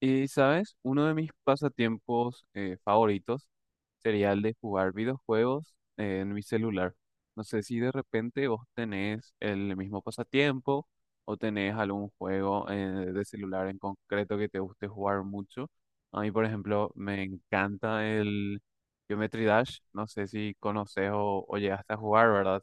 Y, ¿sabes? Uno de mis pasatiempos favoritos sería el de jugar videojuegos en mi celular. No sé si de repente vos tenés el mismo pasatiempo o tenés algún juego de celular en concreto que te guste jugar mucho. A mí, por ejemplo, me encanta el Geometry Dash. No sé si conoces o llegaste a jugar, ¿verdad?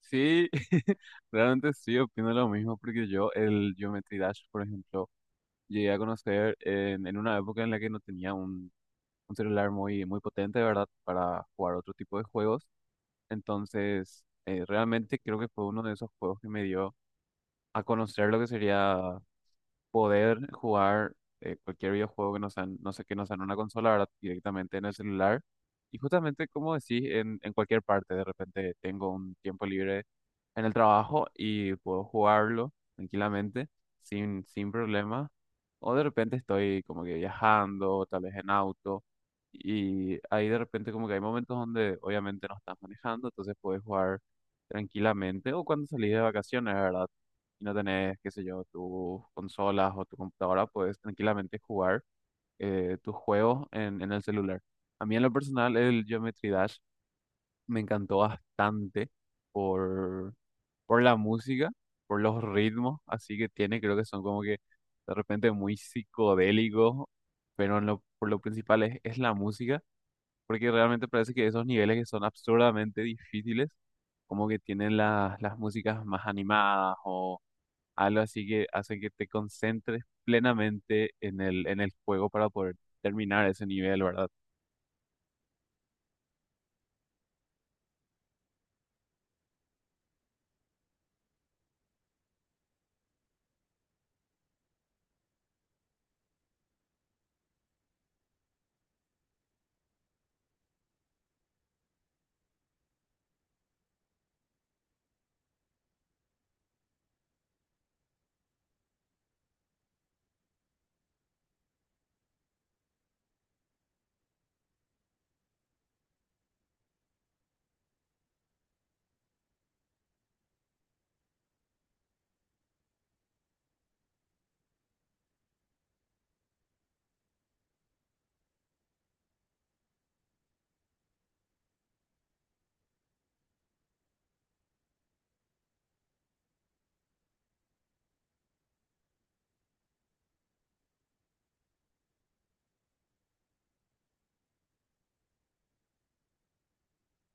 Sí, realmente sí, opino lo mismo porque yo el Geometry Dash, por ejemplo, llegué a conocer en una época en la que no tenía un celular muy, muy potente, ¿verdad? Para jugar otro tipo de juegos. Entonces, realmente creo que fue uno de esos juegos que me dio a conocer lo que sería poder jugar cualquier videojuego que no sea, no sé, que no sea en una consola, ¿verdad? Directamente en el celular. Y justamente, como decís, en cualquier parte, de repente tengo un tiempo libre en el trabajo y puedo jugarlo tranquilamente, sin problema. O de repente estoy como que viajando, tal vez en auto, y ahí de repente como que hay momentos donde obviamente no estás manejando, entonces puedes jugar tranquilamente. O cuando salís de vacaciones, ¿verdad? Y no tenés, qué sé yo, tus consolas o tu computadora, puedes tranquilamente jugar tus juegos en el celular. A mí en lo personal el Geometry Dash me encantó bastante por por la música, por los ritmos, así que tiene, creo que son como que de repente muy psicodélicos, pero en lo, por lo principal es la música, porque realmente parece que esos niveles que son absurdamente difíciles, como que tienen las músicas más animadas o algo así que hace que te concentres plenamente en el juego para poder terminar ese nivel, ¿verdad?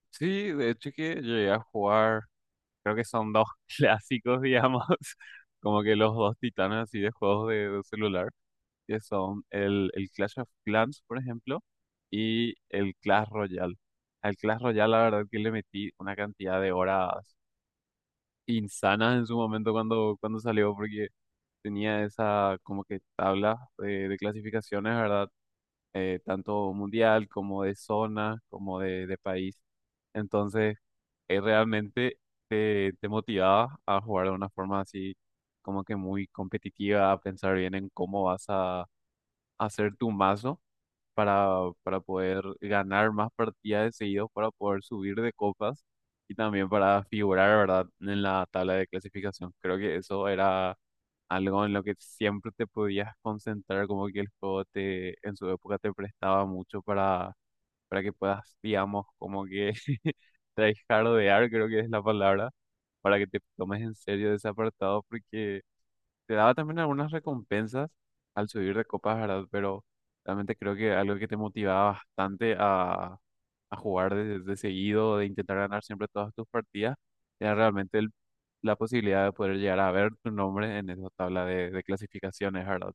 Sí, de hecho que llegué a jugar. Creo que son dos clásicos, digamos, como que los dos titanes así de juegos de, celular, que son el Clash of Clans, por ejemplo, y el Clash Royale. Al Clash Royale, la verdad que le metí una cantidad de horas insanas en su momento cuando salió, porque tenía esa como que tabla de, clasificaciones, ¿verdad? Tanto mundial como de zona, como de, país. Entonces realmente te motivaba a jugar de una forma así como que muy competitiva, a pensar bien en cómo vas a hacer tu mazo para, para poder ganar más partidas de seguidos, para poder subir de copas y también para figurar, ¿verdad?, en la tabla de clasificación. Creo que eso era algo en lo que siempre te podías concentrar, como que el juego te, en su época te prestaba mucho para, que puedas, digamos, como que tryhardear, creo que es la palabra, para que te tomes en serio ese apartado, porque te daba también algunas recompensas al subir de copas, ¿verdad? Pero realmente creo que algo que te motivaba bastante a jugar de, seguido, de intentar ganar siempre todas tus partidas, era realmente la posibilidad de poder llegar a ver tu nombre en esa tabla de, clasificaciones, ¿verdad?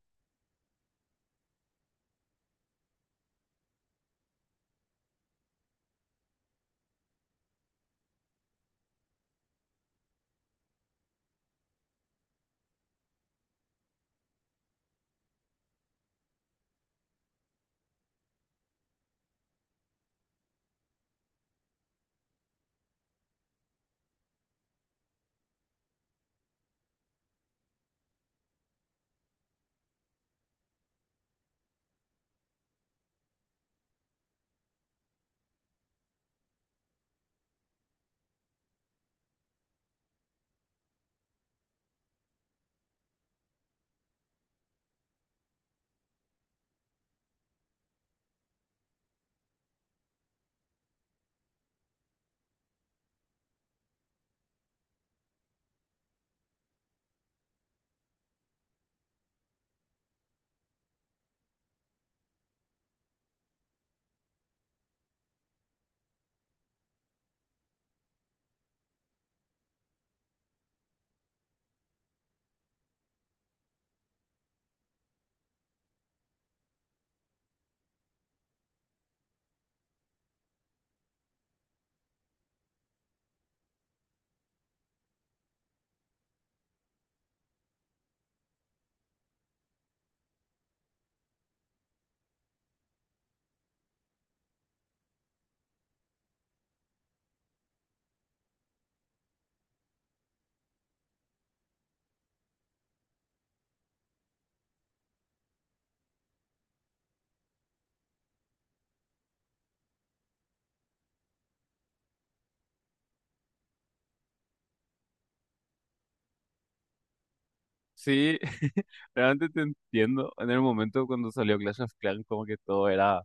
Sí, realmente te entiendo. En el momento cuando salió Clash of Clans, como que todo era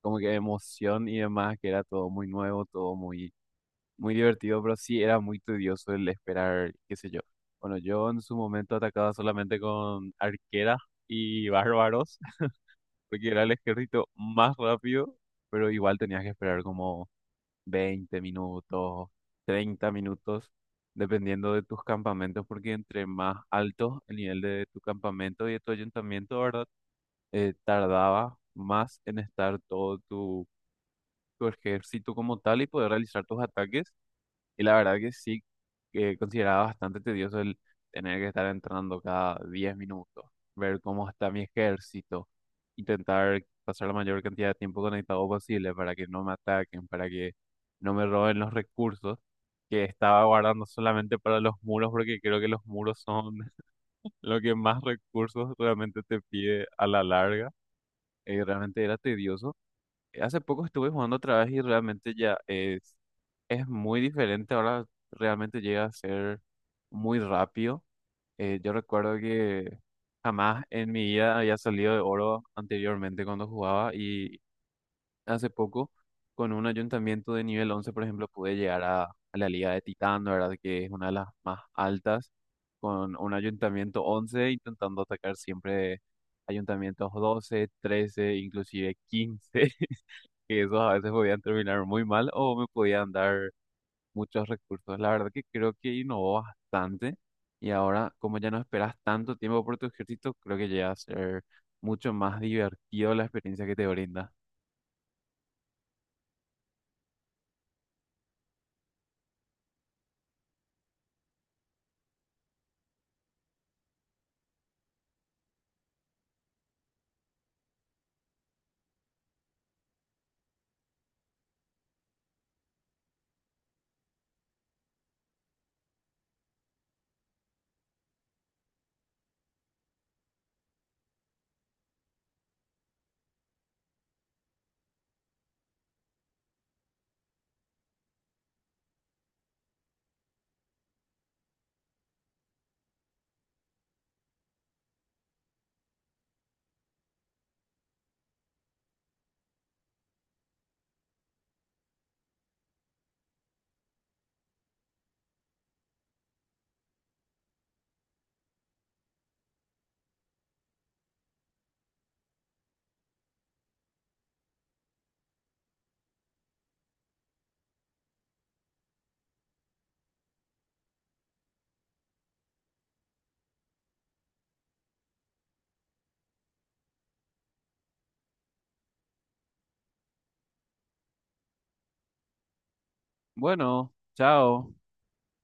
como que emoción y demás, que era todo muy nuevo, todo muy divertido, pero sí era muy tedioso el esperar, qué sé yo. Bueno, yo en su momento atacaba solamente con arqueras y bárbaros, porque era el ejército más rápido, pero igual tenías que esperar como 20 minutos, 30 minutos, dependiendo de tus campamentos, porque entre más alto el nivel de tu campamento y de tu ayuntamiento, ¿verdad? Tardaba más en estar todo tu, ejército como tal y poder realizar tus ataques. Y la verdad que sí, que consideraba bastante tedioso el tener que estar entrando cada 10 minutos, ver cómo está mi ejército, intentar pasar la mayor cantidad de tiempo conectado posible para que no me ataquen, para que no me roben los recursos que estaba guardando solamente para los muros, porque creo que los muros son lo que más recursos realmente te pide a la larga. Y realmente era tedioso. Hace poco estuve jugando otra vez y realmente ya es muy diferente. Ahora realmente llega a ser muy rápido. Yo recuerdo que jamás en mi vida había salido de oro anteriormente cuando jugaba y hace poco con un ayuntamiento de nivel 11 por ejemplo, pude llegar a la Liga de Titán, ¿verdad? Que es una de las más altas, con un ayuntamiento 11 intentando atacar siempre ayuntamientos 12, 13, inclusive 15 que esos a veces podían terminar muy mal o me podían dar muchos recursos. La verdad que creo que innovó bastante y ahora, como ya no esperas tanto tiempo por tu ejército, creo que llega a ser mucho más divertido la experiencia que te brinda. Bueno, chao.